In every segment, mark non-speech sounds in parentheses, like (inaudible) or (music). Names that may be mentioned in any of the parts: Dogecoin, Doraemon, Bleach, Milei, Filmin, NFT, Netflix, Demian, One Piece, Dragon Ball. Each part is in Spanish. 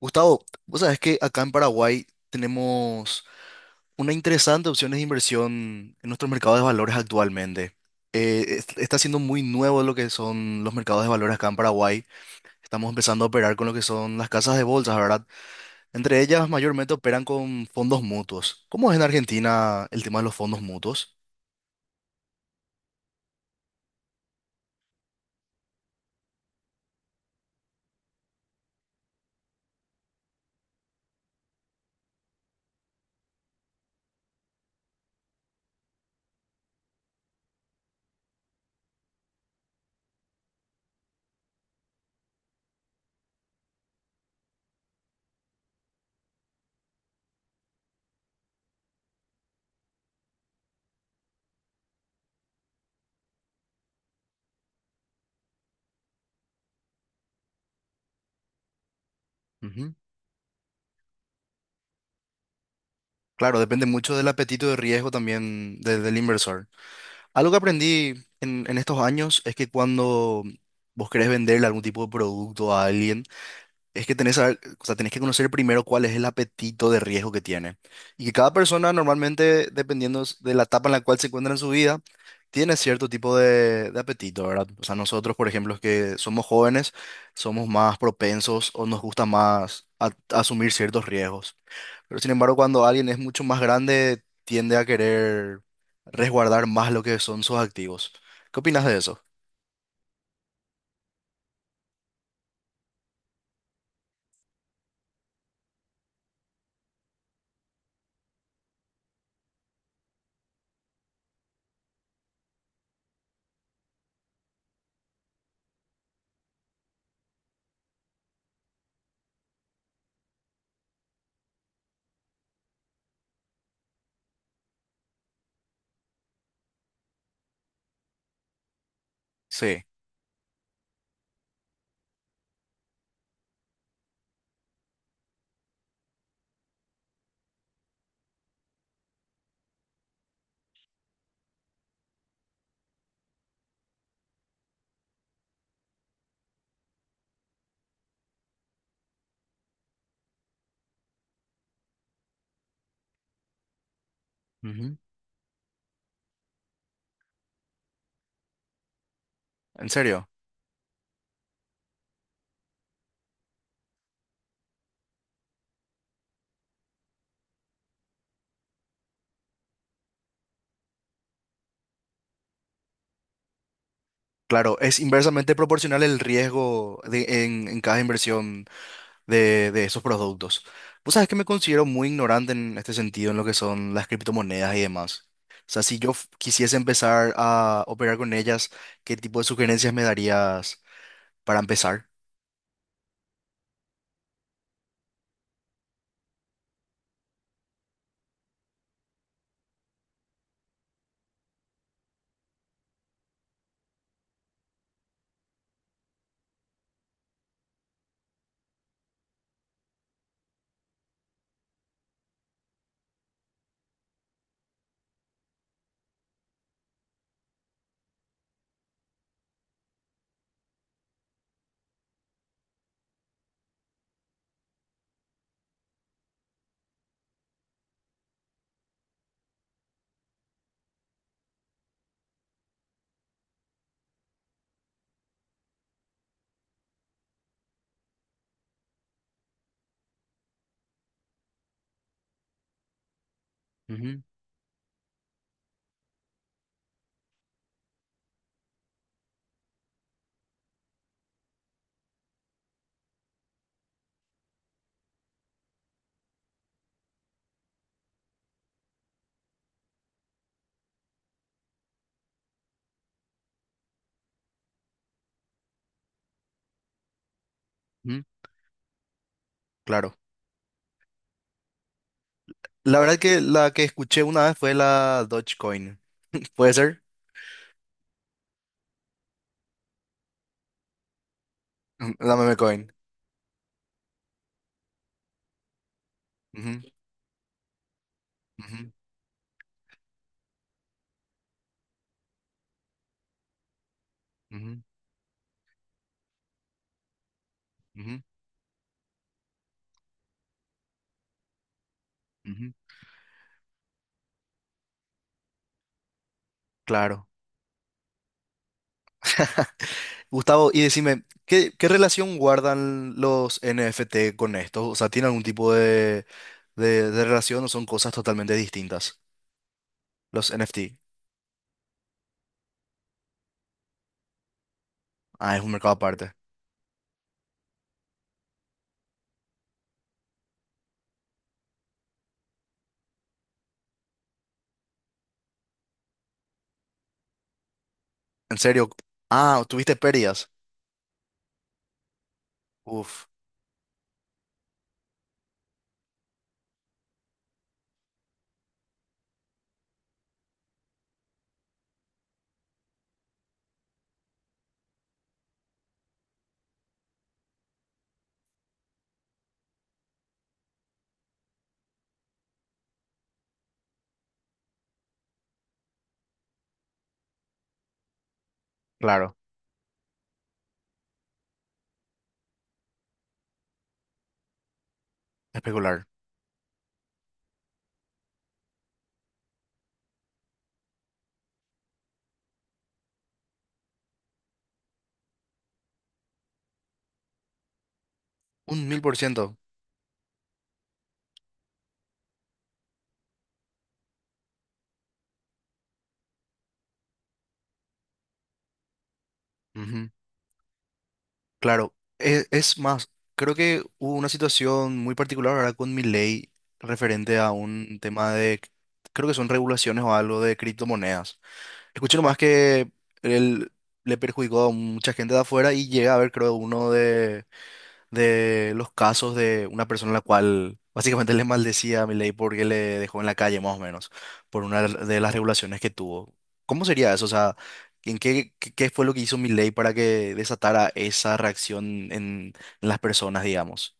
Gustavo, vos sabés que acá en Paraguay tenemos una interesante opción de inversión en nuestro mercado de valores actualmente. Está siendo muy nuevo lo que son los mercados de valores acá en Paraguay. Estamos empezando a operar con lo que son las casas de bolsas, ¿verdad? Entre ellas mayormente operan con fondos mutuos. ¿Cómo es en Argentina el tema de los fondos mutuos? Ujú. Claro, depende mucho del apetito de riesgo también del inversor. Algo que aprendí en estos años es que cuando vos querés venderle algún tipo de producto a alguien, es que o sea, tenés que conocer primero cuál es el apetito de riesgo que tiene. Y que cada persona normalmente, dependiendo de la etapa en la cual se encuentra en su vida, tiene cierto tipo de apetito, ¿verdad? O sea, nosotros, por ejemplo, que somos jóvenes, somos más propensos o nos gusta más asumir ciertos riesgos. Pero sin embargo, cuando alguien es mucho más grande, tiende a querer resguardar más lo que son sus activos. ¿Qué opinas de eso? Sí. Ujú. ¿En serio? Claro, es inversamente proporcional el riesgo en cada inversión de esos productos. Vos sabés que me considero muy ignorante en este sentido, en lo que son las criptomonedas y demás. O sea, si quisiese empezar a operar con ellas, ¿qué tipo de sugerencias me darías para empezar? Ujú, ujú, claro. La verdad que la que escuché una vez fue la Dogecoin. ¿Puede ser? Ujú, la meme coin. Ujú, ujú, ujú, ujú, ujú. Claro. Gustavo, y decime, ¿qué, qué relación guardan los NFT con esto? O sea, ¿tiene algún tipo de relación o son cosas totalmente distintas? Los NFT. Ah, es un mercado aparte. ¿En serio? Ah, ¿tuviste pérdidas? Uf, claro. Especular. 1000%. Claro, es, más, creo que hubo una situación muy particular ahora con mi ley referente a un tema de, creo que son regulaciones o algo de criptomonedas. Escuché nomás que él le perjudicó a mucha gente de afuera y llega a haber, creo, de los casos de una persona a la cual básicamente le maldecía a Milei porque le dejó en la calle más o menos por una de las regulaciones que tuvo. ¿Cómo sería eso? O sea, ¿en qué fue lo que hizo Milei para que desatara esa reacción en, en las personas, digamos?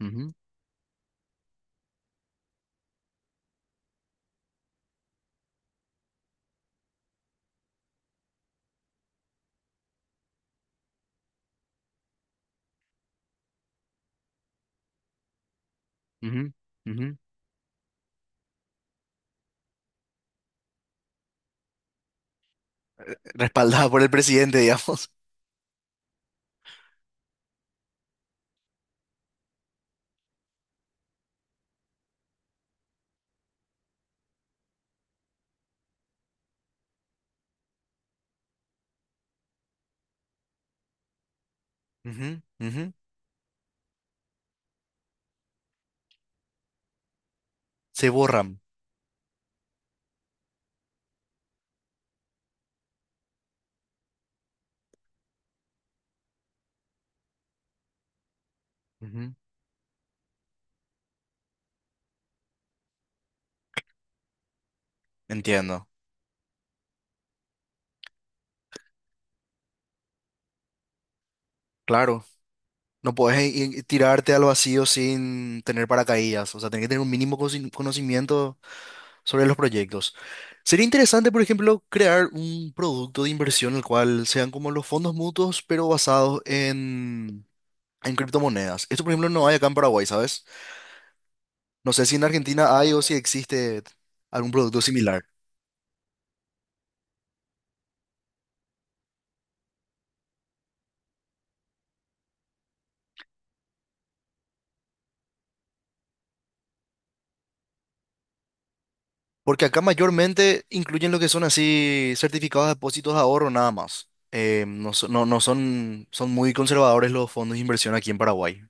Ujú, ujú, ujú. Respaldada por el presidente, (laughs) digamos. Ujú, ujú. Se borran. Ujú. Entiendo. Claro. No puedes tirarte al vacío sin tener paracaídas. O sea, tenés que tener un mínimo conocimiento sobre los proyectos. Sería interesante, por ejemplo, crear un producto de inversión el cual sean como los fondos mutuos, pero basados en criptomonedas. Esto, por ejemplo, no hay acá en Paraguay, ¿sabes? No sé si en Argentina hay o si existe algún producto similar. Porque acá mayormente incluyen lo que son así certificados de depósitos de ahorro nada más. No son, son muy conservadores los fondos de inversión aquí en Paraguay.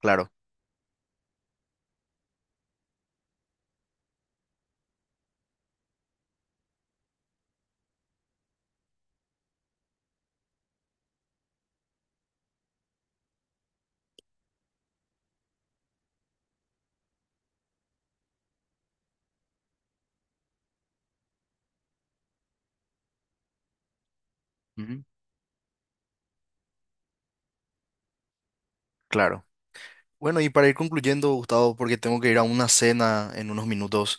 Claro. Ujú, claro. Bueno, y para ir concluyendo, Gustavo, porque tengo que ir a una cena en unos minutos,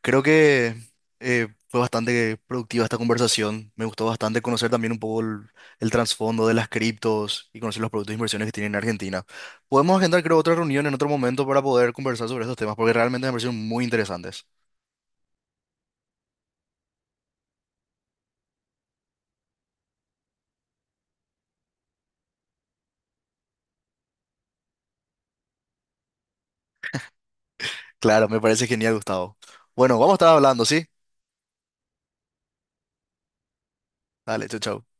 creo que fue bastante productiva esta conversación. Me gustó bastante conocer también un poco el trasfondo de las criptos y conocer los productos de inversiones que tienen en Argentina. Podemos agendar, creo, otra reunión en otro momento para poder conversar sobre estos temas, porque realmente me parecieron muy interesantes. Claro, me parece genial, Gustavo. Bueno, vamos a estar hablando, ¿sí? Dale, chau, chau.